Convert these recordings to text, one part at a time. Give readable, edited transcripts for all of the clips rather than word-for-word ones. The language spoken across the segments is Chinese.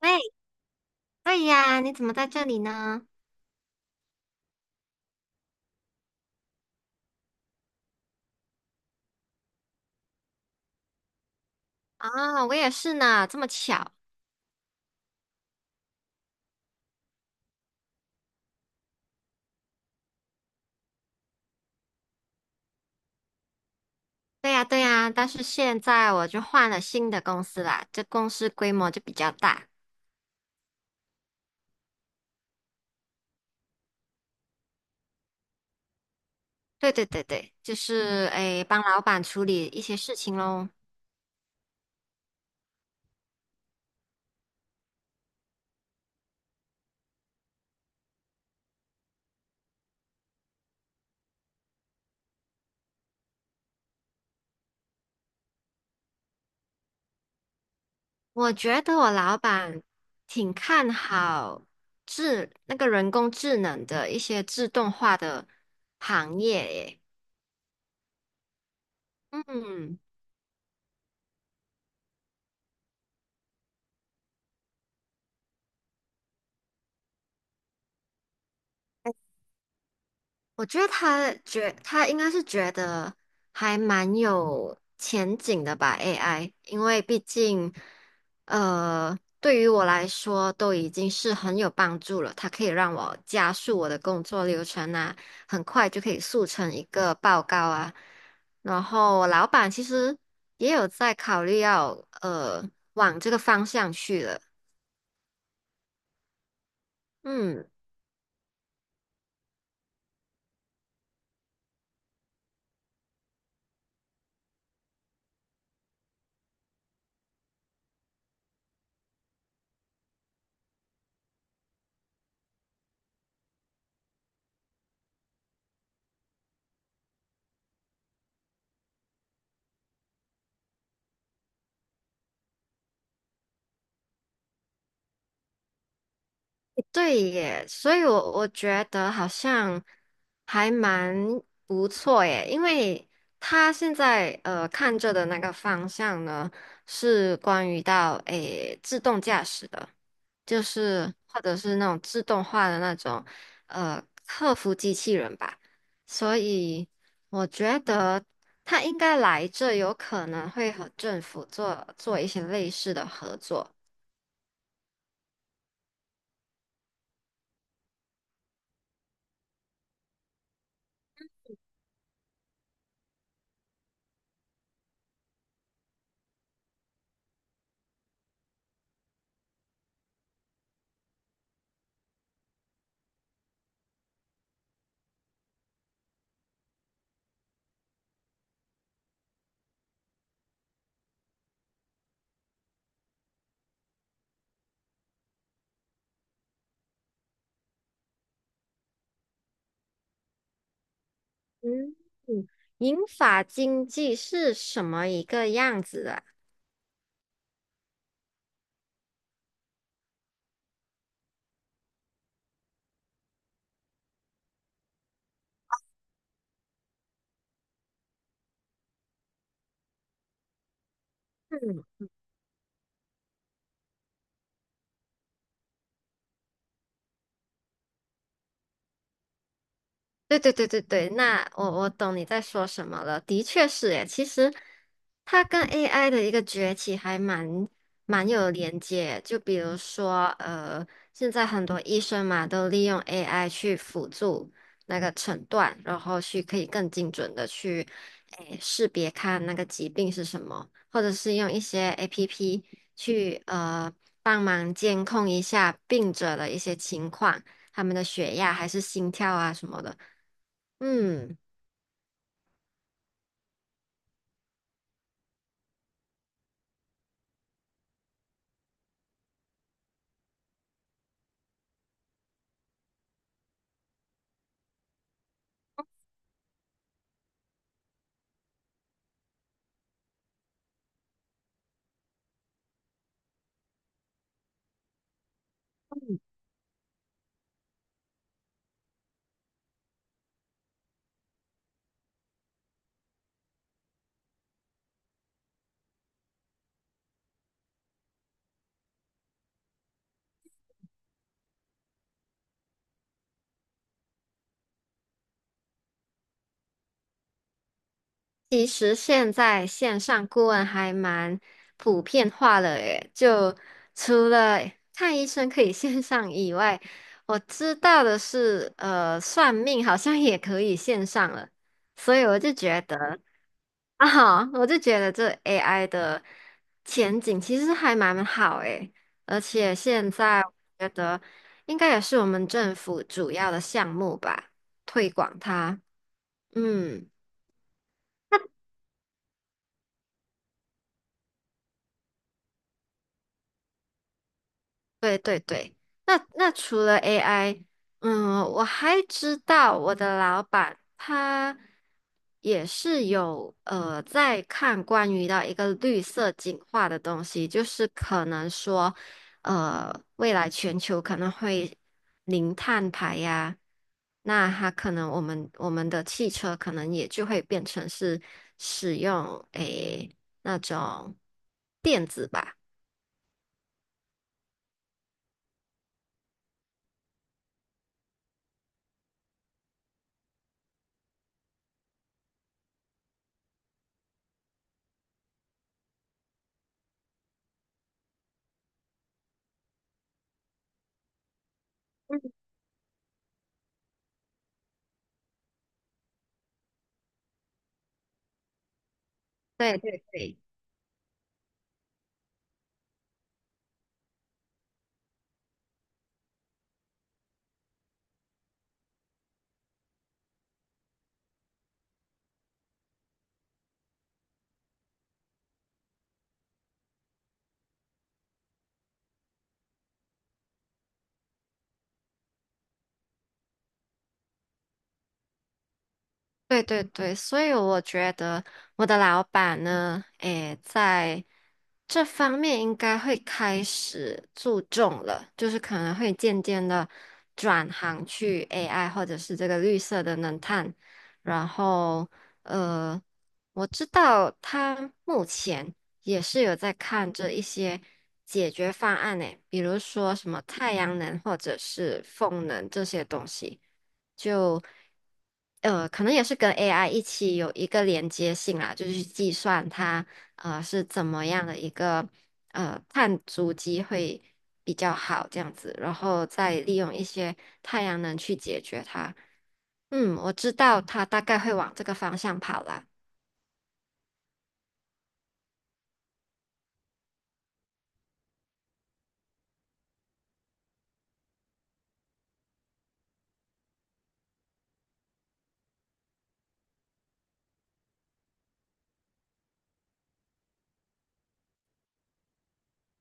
喂，对呀，你怎么在这里呢？啊，我也是呢，这么巧。对呀，对呀，但是现在我就换了新的公司啦，这公司规模就比较大。对对对对，就是诶，帮老板处理一些事情喽。我觉得我老板挺看好那个人工智能的一些自动化的行业诶。嗯。我觉得他应该是觉得还蛮有前景的吧，AI,因为毕竟，对于我来说都已经是很有帮助了。它可以让我加速我的工作流程啊，很快就可以速成一个报告啊。然后我老板其实也有在考虑要呃往这个方向去了，嗯。对耶，所以我觉得好像还蛮不错耶，因为他现在看着的那个方向呢，是关于到诶自动驾驶的，就是或者是那种自动化的那种客服机器人吧，所以我觉得他应该来这有可能会和政府做做一些类似的合作。嗯，银发经济是什么一个样子的？对对对对对，那我懂你在说什么了。的确是诶，其实它跟 AI 的一个崛起还蛮有连接。就比如说，现在很多医生嘛都利用 AI 去辅助那个诊断，然后去可以更精准的去诶识别看那个疾病是什么，或者是用一些 APP 去帮忙监控一下病者的一些情况，他们的血压还是心跳啊什么的。嗯，其实现在线上顾问还蛮普遍化了诶，就除了看医生可以 线上以外，我知道的是，算命好像也可以线上了，所以我就觉得这 AI 的前景其实还蛮好诶，而且现在我觉得应该也是我们政府主要的项目吧，推广它，嗯。对对对，那除了 AI,嗯，我还知道我的老板他也是有在看关于到一个绿色进化的东西，就是可能说，未来全球可能会零碳排呀，那他可能我们的汽车可能也就会变成是使用诶那种电子吧。对对对，对对对，所以我觉得我的老板呢，诶，在这方面应该会开始注重了，就是可能会渐渐的转行去 AI 或者是这个绿色的能探，然后呃，我知道他目前也是有在看这一些解决方案呢，比如说什么太阳能或者是风能这些东西。就可能也是跟 AI 一起有一个连接性啦，就是去计算它是怎么样的一个碳足迹会比较好这样子，然后再利用一些太阳能去解决它。嗯，我知道它大概会往这个方向跑啦。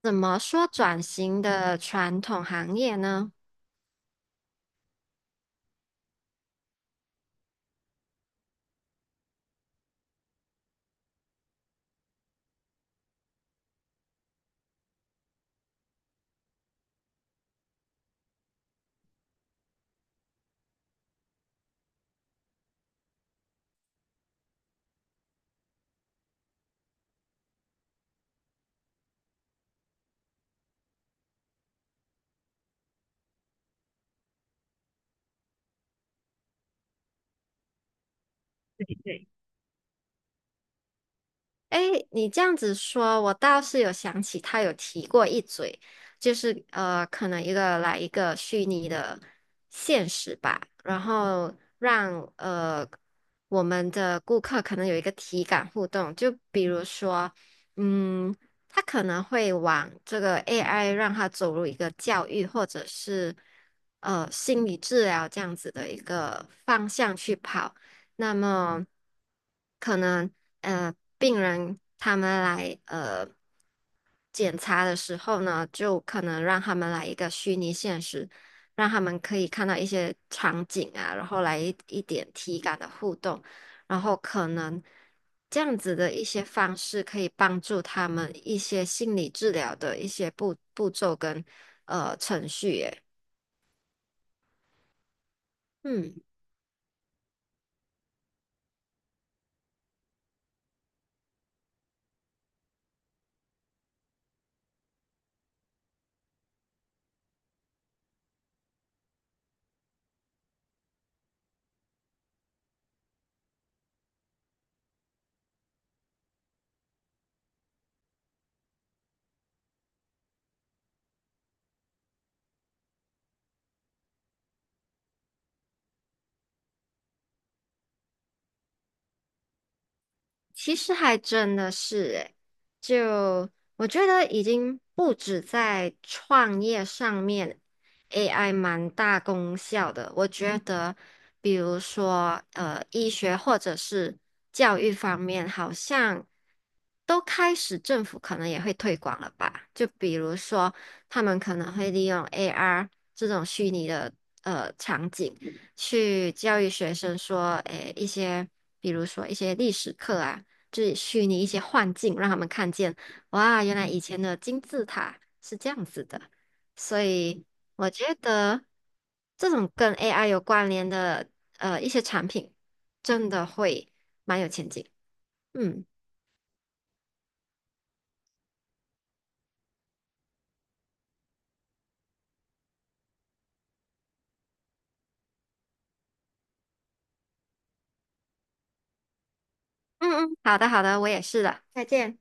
怎么说转型的传统行业呢？哎，你这样子说，我倒是有想起他有提过一嘴，就是可能一个来一个虚拟的现实吧，然后让我们的顾客可能有一个体感互动，就比如说，嗯，他可能会往这个 AI 让他走入一个教育或者是心理治疗这样子的一个方向去跑。那么可能病人他们来检查的时候呢，就可能让他们来一个虚拟现实，让他们可以看到一些场景啊，然后来一点体感的互动，然后可能这样子的一些方式可以帮助他们一些心理治疗的一些步骤跟程序耶，嗯。其实还真的是诶，就我觉得已经不止在创业上面，AI 蛮大功效的。我觉得，比如说，医学或者是教育方面，好像都开始政府可能也会推广了吧？就比如说，他们可能会利用 AR 这种虚拟的场景。去教育学生说，诶，一些比如说一些历史课啊，就是虚拟一些幻境，让他们看见，哇，原来以前的金字塔是这样子的。所以我觉得这种跟 AI 有关联的一些产品，真的会蛮有前景。嗯嗯嗯，好的好的，我也是的，再见。